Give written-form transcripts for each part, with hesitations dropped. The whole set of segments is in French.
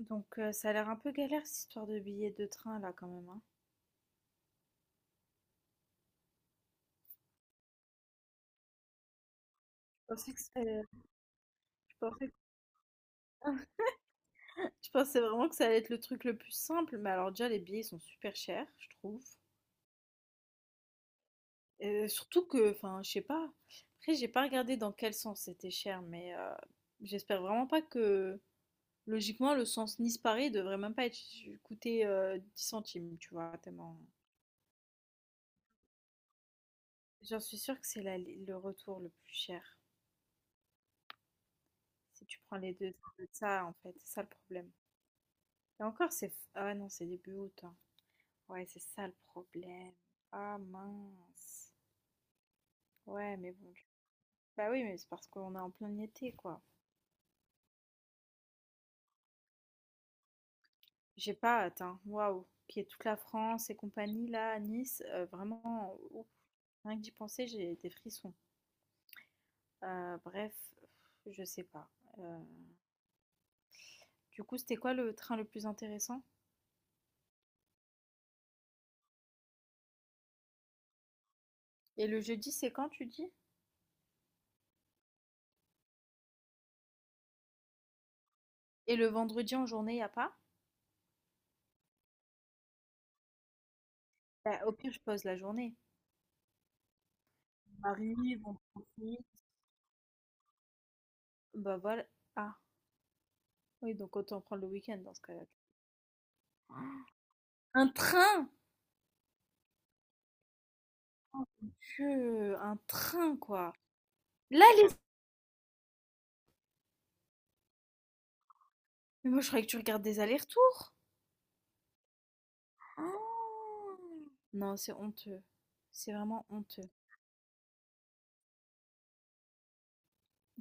Donc, ça a l'air un peu galère cette histoire de billets de train là quand même, hein. Je pensais que c'est je pensais que Je pensais vraiment que ça allait être le truc le plus simple, mais alors déjà les billets sont super chers, je trouve. Surtout que, enfin, je sais pas, après j'ai pas regardé dans quel sens c'était cher, mais, j'espère vraiment pas que logiquement le sens Nice-Paris devrait même pas être coûter, 10 centimes, tu vois? Tellement j'en suis sûre que c'est l'aller le retour le plus cher. Si tu prends les 2, ça doit être ça en fait, c'est ça le problème. Et encore, ah ouais, non, c'est début août, hein. Ouais, c'est ça le problème. Ah mince. Ouais, mais bon. Bah oui, mais c'est parce qu'on est en plein été, quoi. J'ai pas hâte, hein. Waouh. Puis toute la France et compagnie, là, à Nice, vraiment, ouf. Rien que d'y penser, j'ai des frissons. Bref, je sais pas. Euh, Du coup, c'était quoi le train le plus intéressant? Et le jeudi, c'est quand, tu dis? Et le vendredi en journée, y a pas? Bah, au pire, je pose la journée. On arrive, on profite. Bah voilà. Ah. Oui, donc autant prendre le week-end dans ce cas-là. Un train! Mon Dieu, un train, quoi. Là, les. Mais moi, je croyais que tu regardes des allers-retours. Oh. Non, c'est honteux. C'est vraiment honteux.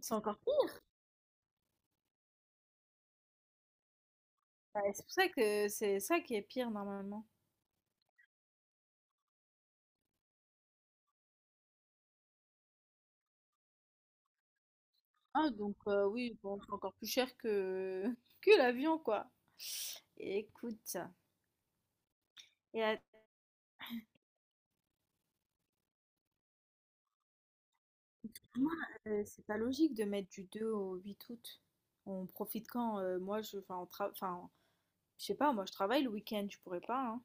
C'est encore pire. Ouais, c'est pour ça que c'est ça qui est pire, normalement. Ah, donc oui, bon, c'est encore plus cher que que l'avion, quoi. Écoute. Et à- Moi, c'est pas logique de mettre du 2 au 8 août. On profite quand? Moi, je, enfin, enfin, je sais pas, moi je travaille le week-end, je pourrais pas, hein.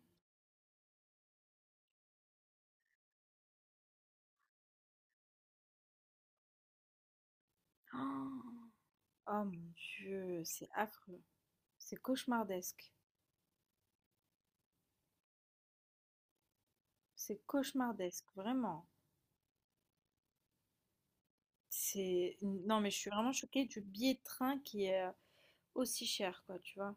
Oh, oh mon Dieu, c'est affreux. C'est cauchemardesque. C'est cauchemardesque, vraiment. Non, mais je suis vraiment choquée du billet de train qui est aussi cher, quoi, tu vois.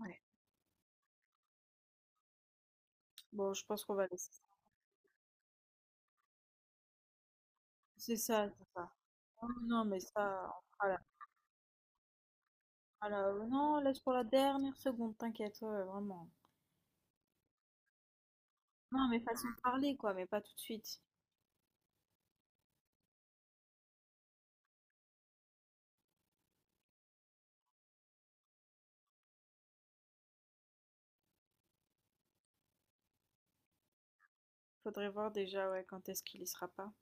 Ouais. Bon, je pense qu'on va laisser ça. C'est ça, c'est ça. Oh, non, mais ça, on fera non, laisse pour la dernière seconde, t'inquiète, ouais, ouais, vraiment. Non, mais façon de parler, quoi, mais pas tout de suite. Faudrait voir déjà, ouais, quand est-ce qu'il y sera pas.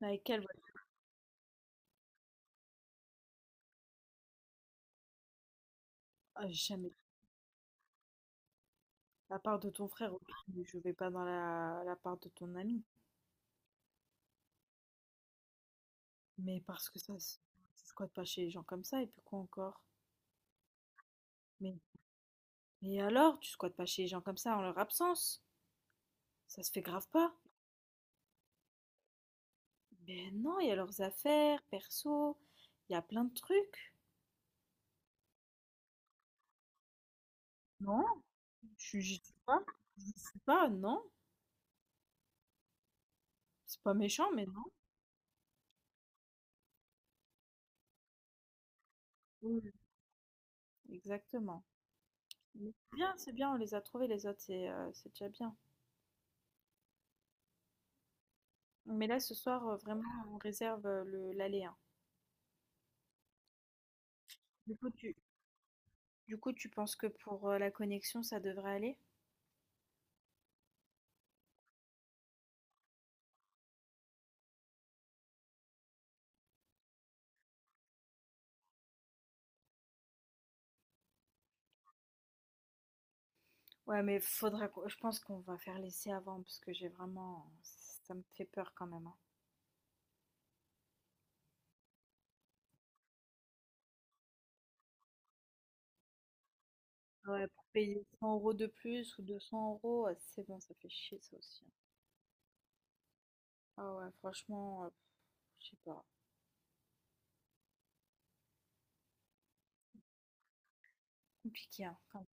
Mais avec quelle voiture? Ah, jamais. La part de ton frère, ok, mais je vais pas dans la part de ton ami. Mais parce que ça, tu squattes pas chez les gens comme ça, et puis quoi encore? Mais, mais, alors, tu squattes pas chez les gens comme ça en leur absence? Ça se fait grave pas? Mais non, il y a leurs affaires, perso, il y a plein de trucs. Non, je j'y suis pas. J'y suis pas, non. C'est pas méchant, mais non. Oui, exactement. Mais c'est bien, on les a trouvés les autres, c'est déjà bien. Mais là, ce soir, vraiment, on réserve le l'aller, hein. Du coup, tu, du coup, tu penses que pour la connexion, ça devrait aller? Ouais, mais faudra je pense qu'on va faire l'essai avant parce que j'ai vraiment, ça me fait peur quand même, hein. Ouais, pour payer 100 € de plus ou 200 euros, ouais, c'est bon, ça fait chier ça aussi, hein. Ah ouais, franchement, je sais pas, compliqué hein, quand même.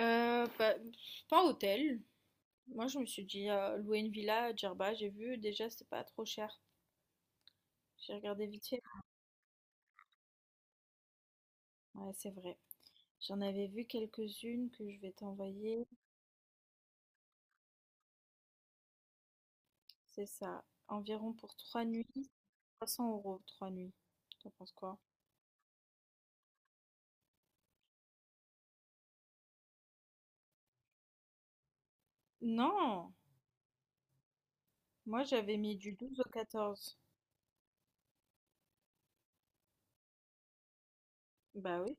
Bah, pff, pas hôtel. Moi, je me suis dit louer une villa à Djerba, j'ai vu déjà c'est pas trop cher. J'ai regardé vite fait. Ouais, c'est vrai. J'en avais vu quelques-unes que je vais t'envoyer. C'est ça. Environ pour 3 nuits, 300 euros, 3 nuits. T'en penses quoi? Non! Moi, j'avais mis du 12 au 14. Bah oui.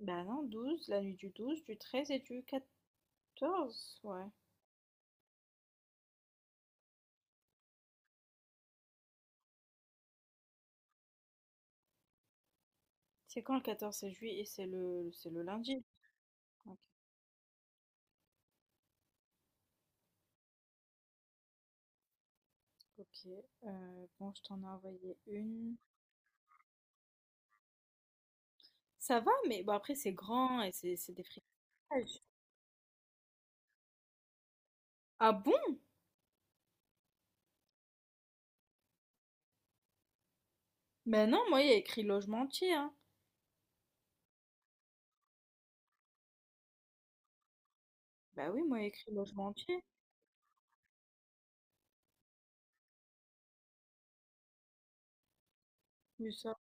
Bah non, 12, la nuit du 12, du 13 et du 14. Ouais. C'est quand le 14? C'est juillet et c'est le, lundi. Ok. Ok. Bon, je t'en ai envoyé une. Ça va, mais bon, après, c'est grand et c'est des fricages. Ah bon? Bah non, moi, il y a écrit logement entier, hein. Bah oui, moi, il y a écrit logement entier. Oui, ça.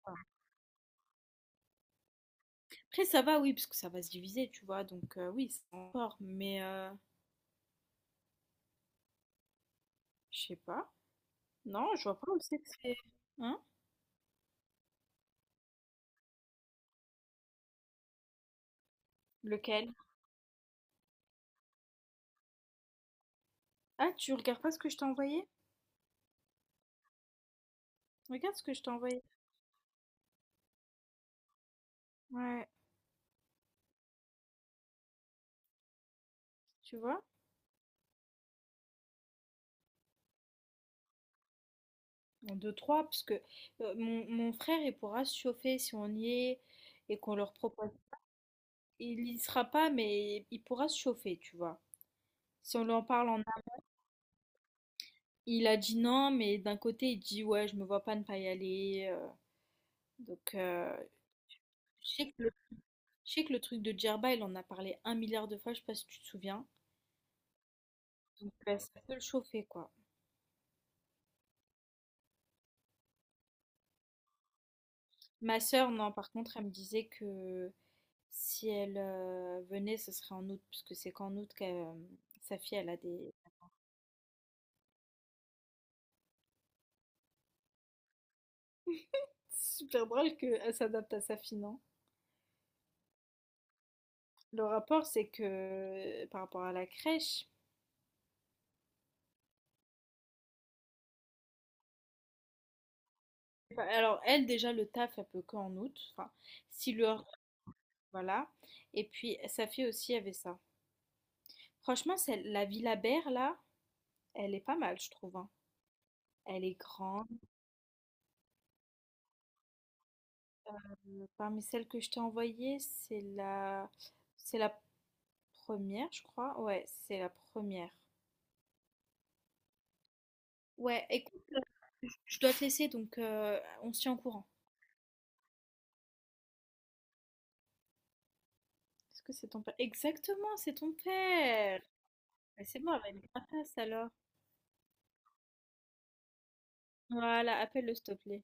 Après, ça va, oui, parce que ça va se diviser, tu vois. Donc, oui, c'est encore. Mais, je sais pas. Non, je vois pas où c'est que c'est. Hein? Lequel? Ah, tu regardes pas ce que je t'ai envoyé? Regarde ce que je t'ai envoyé. Ouais, tu vois? En deux, trois, parce que mon frère, il pourra se chauffer si on y est et qu'on leur propose. Il y sera pas, mais il pourra se chauffer, tu vois. Si on lui en parle en amont. Il a dit non, mais d'un côté, il dit ouais, je me vois pas ne pas y aller, donc, je sais que je sais que le truc de Djerba, il en a parlé un milliard de fois, je sais pas si tu te souviens. Donc ça peut le chauffer, quoi. Ma sœur, non, par contre, elle me disait que si elle venait, ce serait en août, puisque c'est qu'en août que sa fille, elle a des... C'est super drôle qu'elle s'adapte à sa fille, non? Le rapport, c'est que par rapport à la crèche, enfin, alors elle, déjà, le taf, elle peut qu'en août, enfin, si le... Voilà. Et puis, sa fille aussi avait ça. Franchement, la Villa Berre, là, elle est pas mal, je trouve, hein. Elle est grande. Parmi celles que je t'ai envoyées, c'est la première, je crois. Ouais, c'est la première. Ouais, écoute, je dois te laisser, donc on se tient au courant. Est-ce que c'est ton père? Exactement, c'est ton père. Mais c'est bon, elle va être grâce alors. Voilà, appelle-le s'il te plaît.